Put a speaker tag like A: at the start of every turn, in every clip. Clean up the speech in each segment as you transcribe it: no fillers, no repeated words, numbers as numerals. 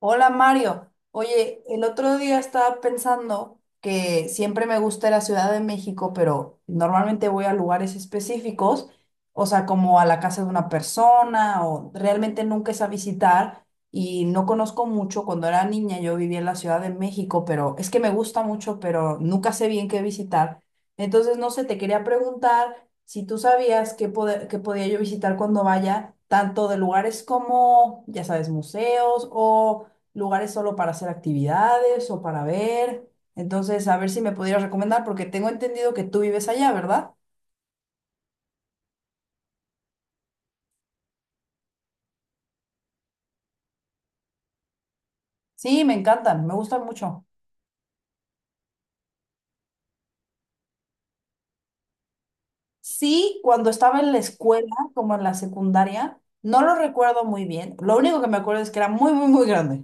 A: Hola Mario, oye, el otro día estaba pensando que siempre me gusta la Ciudad de México, pero normalmente voy a lugares específicos, o sea, como a la casa de una persona o realmente nunca es a visitar y no conozco mucho. Cuando era niña yo vivía en la Ciudad de México, pero es que me gusta mucho, pero nunca sé bien qué visitar. Entonces, no sé, te quería preguntar si tú sabías qué podía yo visitar cuando vaya, tanto de lugares como, ya sabes, museos o lugares solo para hacer actividades o para ver. Entonces, a ver si me pudieras recomendar, porque tengo entendido que tú vives allá, ¿verdad? Sí, me encantan, me gustan mucho. Sí, cuando estaba en la escuela, como en la secundaria, no lo recuerdo muy bien. Lo único que me acuerdo es que era muy, muy, muy grande.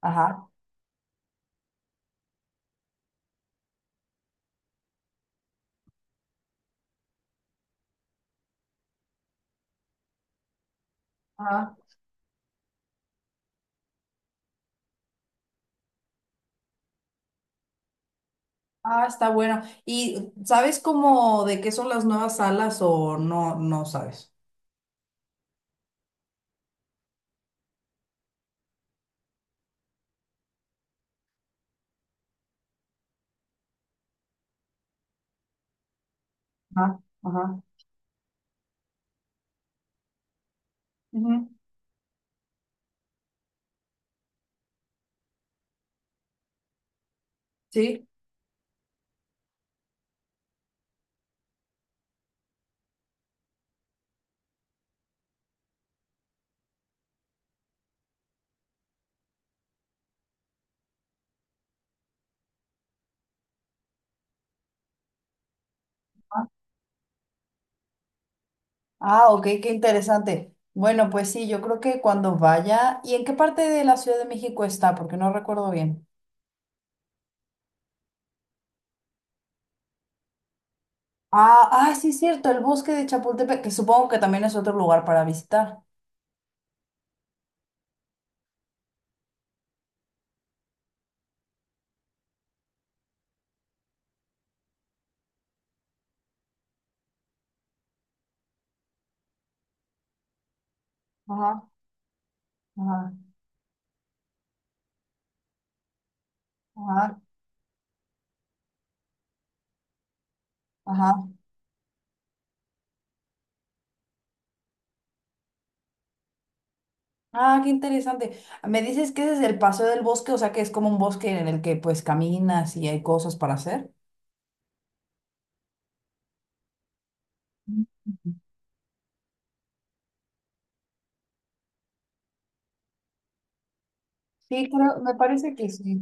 A: Ajá. Ah, ah, está bueno. ¿Y sabes cómo de qué son las nuevas salas o no, no sabes? Ajá, ajá. Ujú. Sí. Ah, ok, qué interesante. Bueno, pues sí, yo creo que cuando vaya, ¿y en qué parte de la Ciudad de México está? Porque no recuerdo bien. Ah, ah, sí, cierto, el bosque de Chapultepec, que supongo que también es otro lugar para visitar. Ajá, ajá, ajá, ajá. Ah, qué interesante. Me dices que ese es el paseo del bosque, o sea que es como un bosque en el que pues caminas y hay cosas para hacer. Mm. Sí, creo, me parece que sí.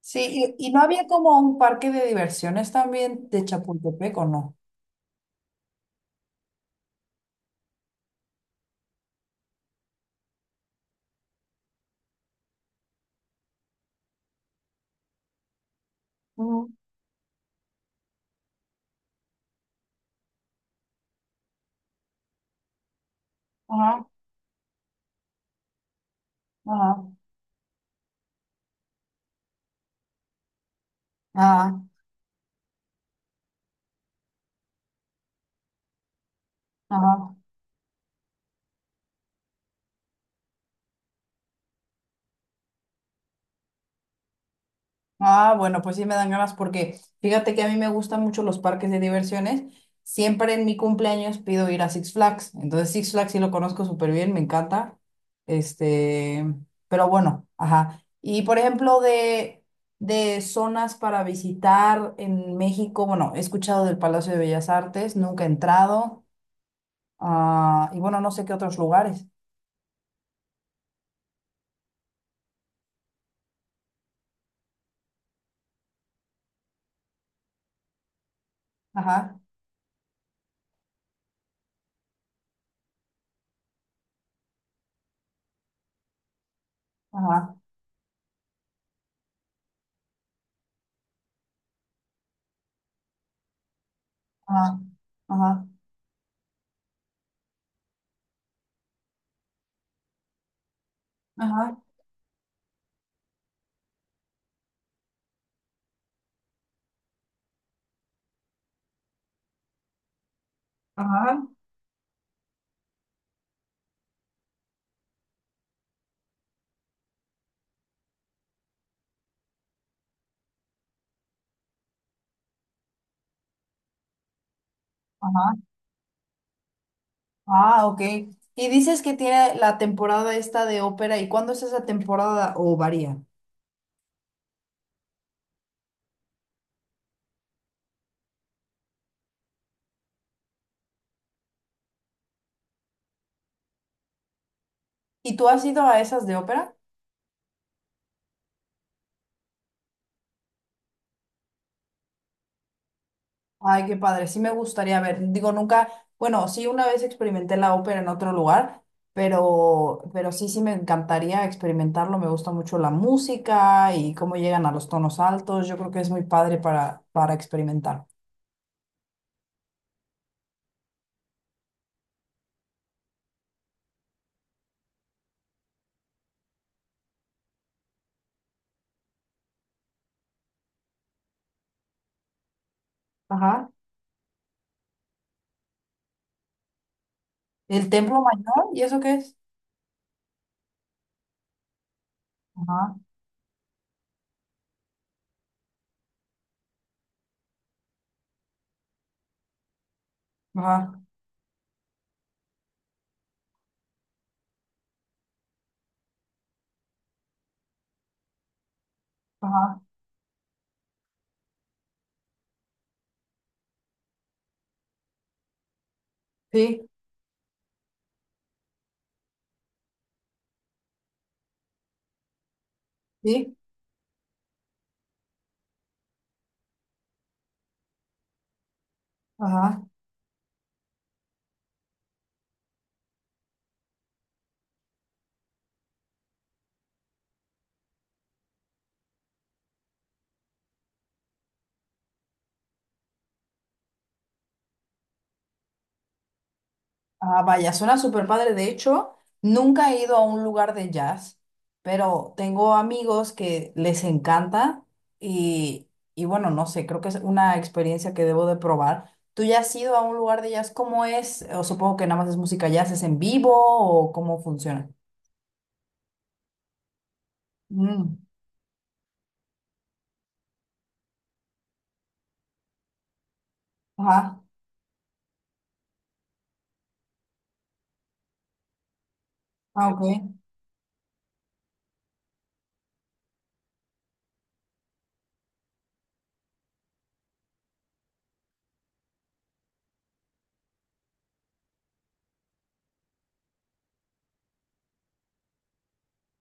A: Sí, y no había como un parque de diversiones también de Chapultepec, ¿o no? Ajá, ajá, ajá, ajá. Ah, bueno, pues sí me dan ganas porque fíjate que a mí me gustan mucho los parques de diversiones. Siempre en mi cumpleaños pido ir a Six Flags. Entonces Six Flags sí lo conozco súper bien, me encanta. Este, pero bueno, ajá. Y por ejemplo, de zonas para visitar en México, bueno, he escuchado del Palacio de Bellas Artes, nunca he entrado. Ah, y bueno, no sé qué otros lugares. Ajá, ajá, ajá, ajá, ajá. Ajá, ajá. Ah, ok. Y dices que tiene la temporada esta de ópera, ¿y cuándo es esa temporada o varía? ¿Y tú has ido a esas de ópera? Ay, qué padre, sí me gustaría ver. Digo, nunca, bueno, sí una vez experimenté la ópera en otro lugar, pero sí, sí me encantaría experimentarlo. Me gusta mucho la música y cómo llegan a los tonos altos. Yo creo que es muy padre para experimentar. Ajá. ¿El templo mayor? ¿Y eso qué es? Ajá, ajá, ajá. Sí, sí, ajá. Ah, vaya, suena súper padre. De hecho, nunca he ido a un lugar de jazz, pero tengo amigos que les encanta y, y bueno, no sé, creo que es una experiencia que debo de probar. ¿Tú ya has ido a un lugar de jazz? ¿Cómo es? O supongo que nada más es música jazz, ¿es en vivo o cómo funciona? Mm, ajá, ah, ok,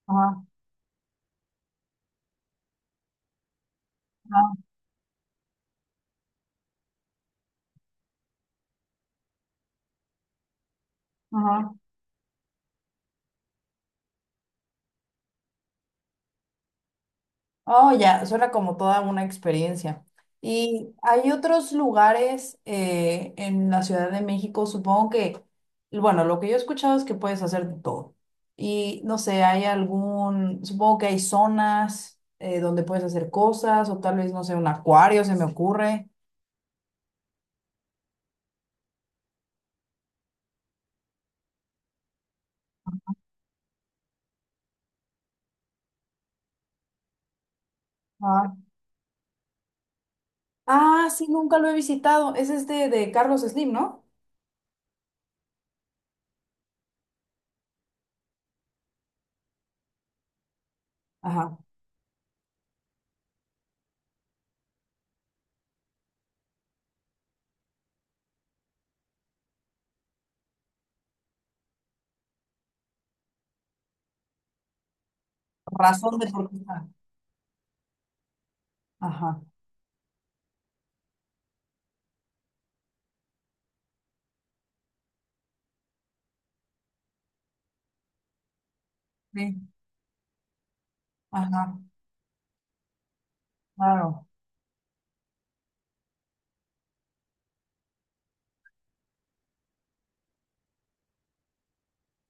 A: ajá, ajá, ajá. Oh, ya, suena como toda una experiencia. ¿Y hay otros lugares en la Ciudad de México? Supongo que, bueno, lo que yo he escuchado es que puedes hacer de todo. Y no sé, hay algún, supongo que hay zonas donde puedes hacer cosas o tal vez, no sé, un acuario, se me ocurre. Ah. Ah, sí, nunca lo he visitado. Es este de Carlos Slim, ¿no? Ajá. Razón de por qué está. Ajá. Sí. Ajá. Claro.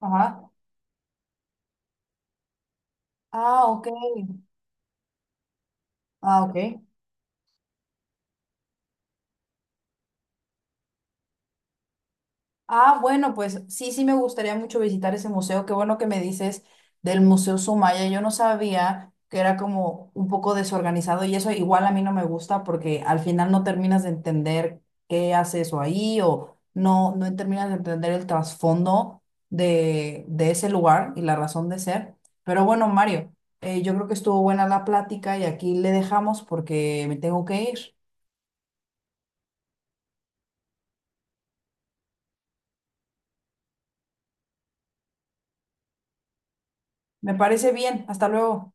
A: Ajá. Ah, ok. Ah, ok. Ah, bueno, pues sí, sí me gustaría mucho visitar ese museo. Qué bueno que me dices del Museo Sumaya. Yo no sabía que era como un poco desorganizado y eso igual a mí no me gusta porque al final no terminas de entender qué hace eso ahí o no, no terminas de entender el trasfondo de ese lugar y la razón de ser. Pero bueno, Mario, yo creo que estuvo buena la plática y aquí le dejamos porque me tengo que ir. Me parece bien. Hasta luego.